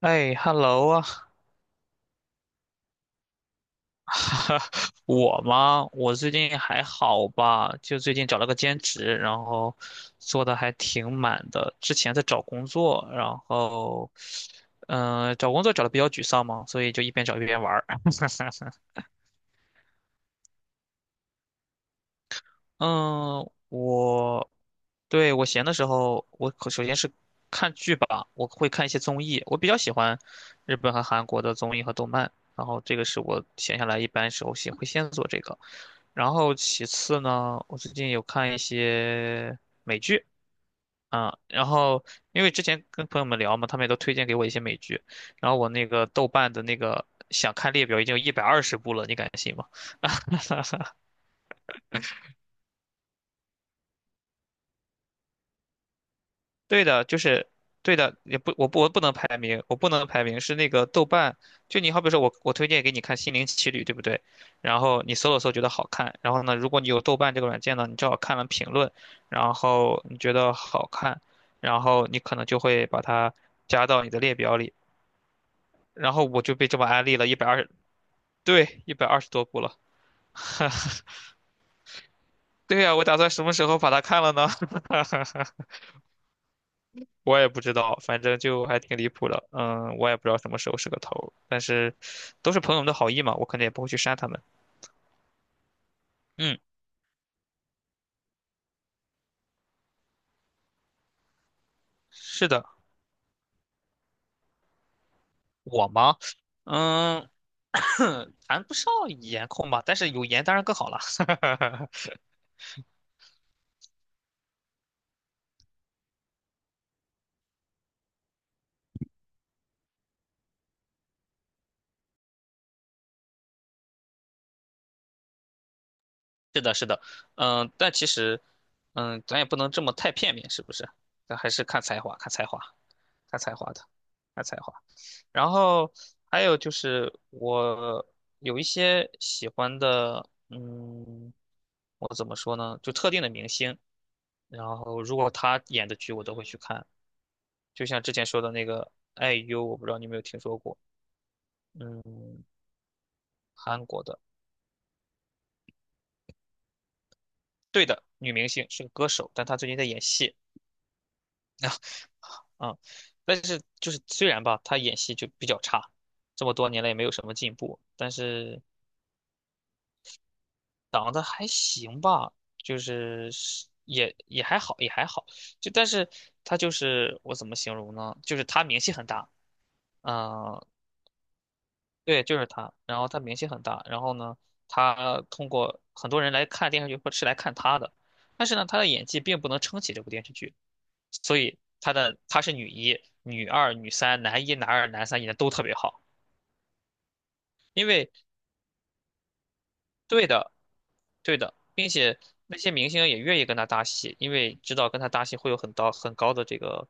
哎，hello 啊，我吗？我最近还好吧，就最近找了个兼职，然后做的还挺满的。之前在找工作，然后，找工作找的比较沮丧嘛，所以就一边找一边玩儿。嗯，我对我闲的时候，我可首先是看剧吧，我会看一些综艺，我比较喜欢日本和韩国的综艺和动漫，然后这个是我闲下来一般时候先会先做这个，然后其次呢，我最近有看一些美剧。啊，然后因为之前跟朋友们聊嘛，他们也都推荐给我一些美剧，然后我那个豆瓣的那个想看列表已经有120部了，你敢信吗？对的，就是对的，也不，我不能排名，是那个豆瓣，就你好比说我推荐给你看《心灵奇旅》，对不对？然后你搜了搜觉得好看，然后呢，如果你有豆瓣这个软件呢，你正好看了评论，然后你觉得好看，然后你可能就会把它加到你的列表里，然后我就被这么安利了一百二，十，对，120多部了。对呀，我打算什么时候把它看了呢？我也不知道，反正就还挺离谱的。嗯，我也不知道什么时候是个头儿但是都是朋友们的好意嘛，我肯定也不会去删他们。嗯，是的，我吗？嗯，谈不上颜控吧，但是有颜当然更好了。是的，是的，嗯，但其实，嗯，咱也不能这么太片面，是不是？咱还是看才华，看才华，看才华的，看才华。然后还有就是我有一些喜欢的，嗯，我怎么说呢？就特定的明星，然后如果他演的剧我都会去看，就像之前说的那个 IU，我不知道你有没有听说过，嗯，韩国的，对的，女明星是个歌手，但她最近在演戏，啊、但是就是虽然吧，她演戏就比较差，这么多年来也没有什么进步，但是。长得还行吧，就是是也也还好，也还好。就但是他就是我怎么形容呢？就是他名气很大，嗯、对，就是他。然后他名气很大，然后呢，他通过很多人来看电视剧，或是来看他的，但是呢，他的演技并不能撑起这部电视剧，所以他的他是女一、女二、女三、男一、男二、男三演的都特别好。因为。对的，对的，并且那些明星也愿意跟他搭戏，因为知道跟他搭戏会有很高很高的这个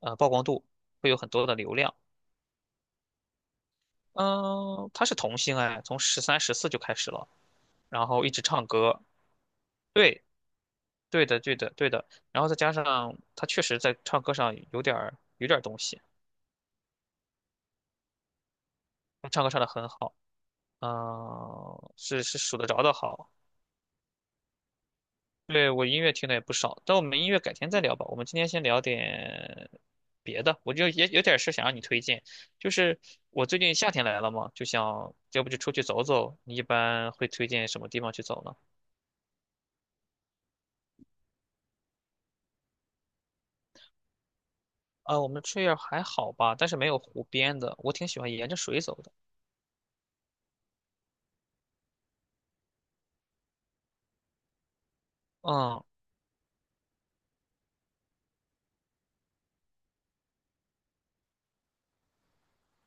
呃曝光度，会有很多的流量。嗯，他是童星哎，从13、14就开始了，然后一直唱歌。对，对的，对的，对的。然后再加上他确实在唱歌上有点儿东西，他唱歌唱得很好，嗯，是是数得着的好。对，我音乐听的也不少，但我们音乐改天再聊吧。我们今天先聊点别的，我就也有点事想让你推荐，就是我最近夏天来了嘛，就想要不就出去走走。你一般会推荐什么地方去走呢？啊，我们这儿还好吧，但是没有湖边的，我挺喜欢沿着水走的。嗯，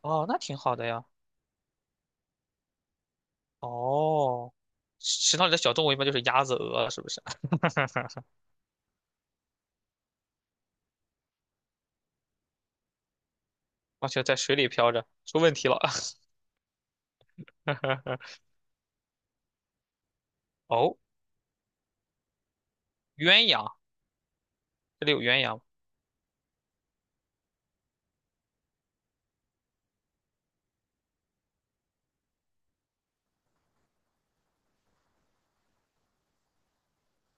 哦，那挺好的呀。哦，池塘里的小动物一般就是鸭子、鹅，是不是？而且在水里飘着，出问题了。哦，鸳鸯，这里有鸳鸯吗？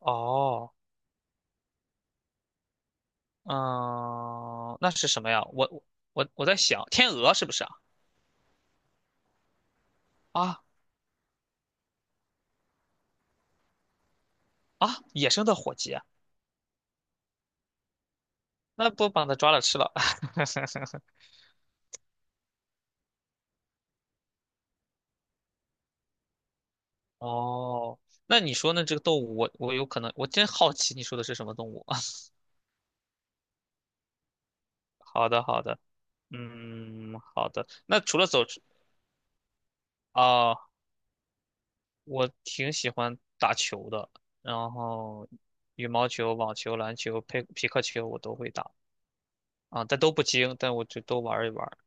哦，嗯，那是什么呀？我在想，天鹅是不是啊？啊啊，野生的火鸡啊，那不把它抓了吃了？哦，那你说呢？这个动物，我有可能，我真好奇你说的是什么动物。好的，好的，嗯，好的。那除了走啊，我挺喜欢打球的，然后羽毛球、网球、篮球、佩匹克球我都会打啊，但都不精，但我就都玩一玩。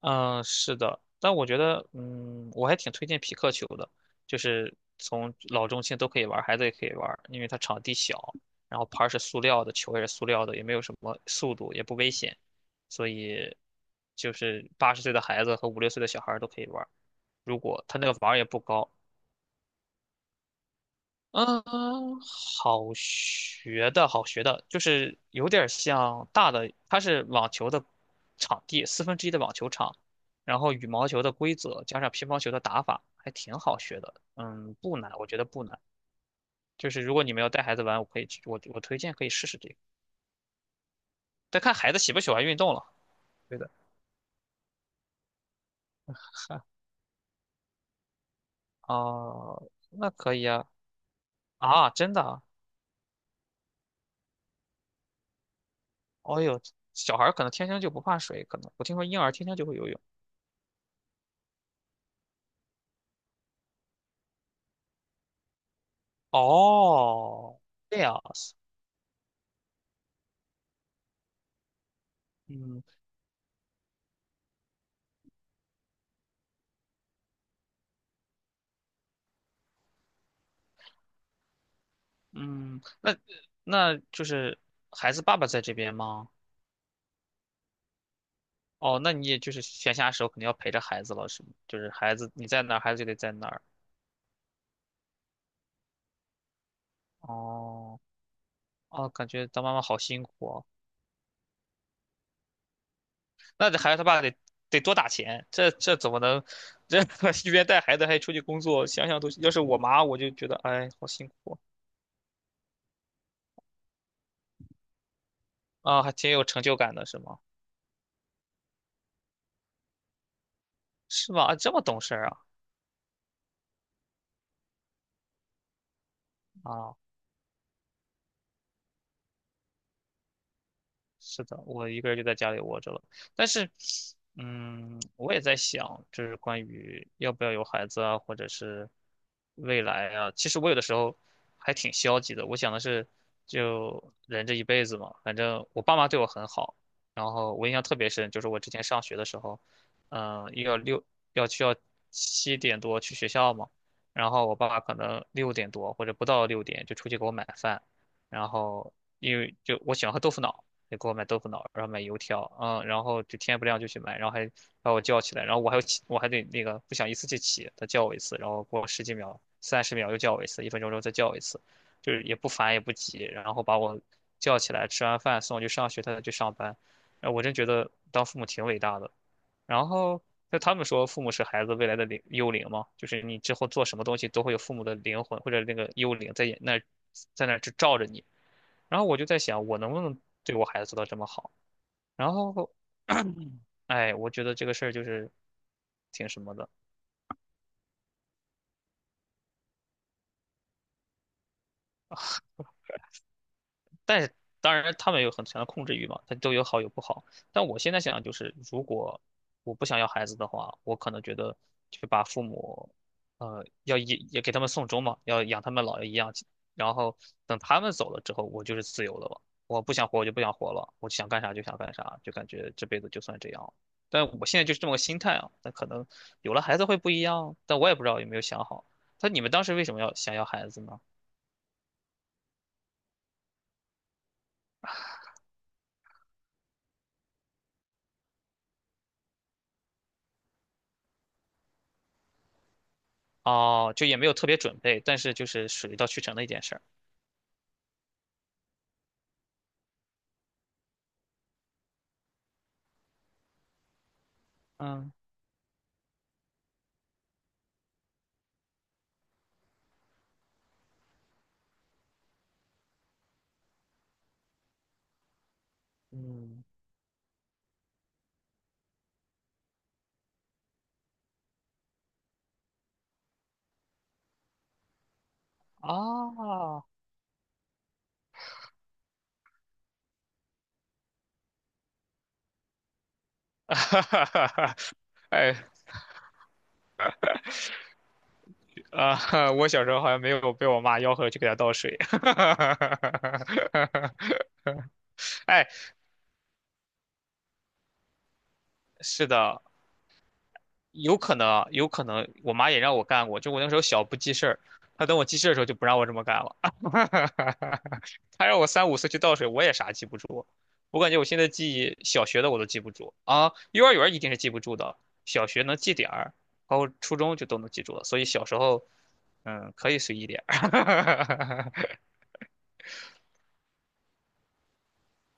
嗯，是的，但我觉得，嗯，我还挺推荐匹克球的，就是从老中青都可以玩儿孩子也可以玩儿因为它场地小，然后拍儿是塑料的，球也是塑料的，也没有什么速度，也不危险，所以就是80岁的孩子和5、6岁的小孩儿都可以玩儿如果他那个网也不高，嗯，好学的，好学的，就是有点儿像大的，它是网球的场地，四分之一的网球场，然后羽毛球的规则加上乒乓球的打法，还挺好学的。嗯，不难，我觉得不难。就是如果你们要带孩子玩，我可以去，我推荐可以试试这个。再看孩子喜不喜欢运动了。对的。哦，那可以啊。啊，真的啊？哦呦，小孩儿可能天生就不怕水，可能我听说婴儿天生就会游泳。哦，这样。嗯嗯，那那就是孩子爸爸在这边吗？哦，那你也就是闲暇时候肯定要陪着孩子了，是吗？就是孩子你在哪儿，孩子就得在哪儿。哦哦，感觉当妈妈好辛苦哦。那这孩子他爸得多打钱，这怎么能这 一边带孩子还出去工作？想想都，要是我妈，我就觉得哎，好辛苦哦啊，还挺有成就感的，是吗？是吗？啊这么懂事儿啊啊！是的，我一个人就在家里窝着了。但是，嗯，我也在想，就是关于要不要有孩子啊，或者是未来啊。其实我有的时候还挺消极的。我想的是，就人这一辈子嘛，反正我爸妈对我很好。然后我印象特别深，就是我之前上学的时候，嗯、要六要需要7点多去学校嘛，然后我爸爸可能6点多或者不到六点就出去给我买饭，然后因为就我喜欢喝豆腐脑。得给我买豆腐脑，然后买油条，嗯，然后就天不亮就去买，然后还把我叫起来，然后我还要起，我还得那个不想一次就起，他叫我一次，然后过10几秒、30秒又叫我一次，1分钟之后再叫我一次，就是也不烦也不急，然后把我叫起来，吃完饭送我去上学，他再去上班，呃，我真觉得当父母挺伟大的。然后就他们说，父母是孩子未来的灵幽灵嘛，就是你之后做什么东西都会有父母的灵魂或者那个幽灵在那儿就罩着你。然后我就在想，我能不能对我孩子做到这么好？然后，哎，我觉得这个事儿就是挺什么的。但是当然他们有很强的控制欲嘛，它都有好有不好。但我现在想就是，如果我不想要孩子的话，我可能觉得就把父母，呃，要也给他们送终嘛，要养他们老一样，然后等他们走了之后，我就是自由了嘛。我不想活，我就不想活了，我想干啥就想干啥，就感觉这辈子就算这样了。但我现在就是这么个心态啊，那可能有了孩子会不一样，但我也不知道有没有想好。那你们当时为什么要想要孩子呢？哦，就也没有特别准备，但是就是水到渠成的一件事儿。嗯嗯，哦，哈哈哈哈哎啊，我小时候好像没有被我妈吆喝去给她倒水。哎，是的，有可能啊，有可能我妈也让我干过，就我那时候小不记事儿，她等我记事儿的时候就不让我这么干了，她让我3、5岁去倒水，我也啥记不住。我感觉我现在记忆小学的我都记不住啊，幼儿园儿一定是记不住的，小学能记点儿，包括初中就都能记住了，所以小时候嗯可以随意点儿。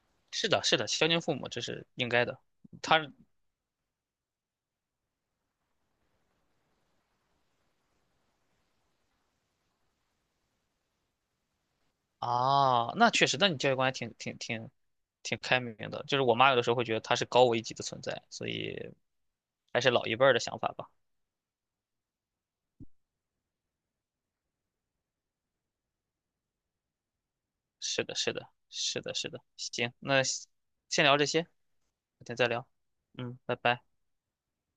是的，是的，孝敬父母这是应该的，他啊，那确实，那你教育观还挺开明的。就是我妈有的时候会觉得她是高我一级的存在，所以还是老一辈儿的想法吧。是的，是的，是的，是的。行，那先聊这些，改天再聊。嗯，拜拜。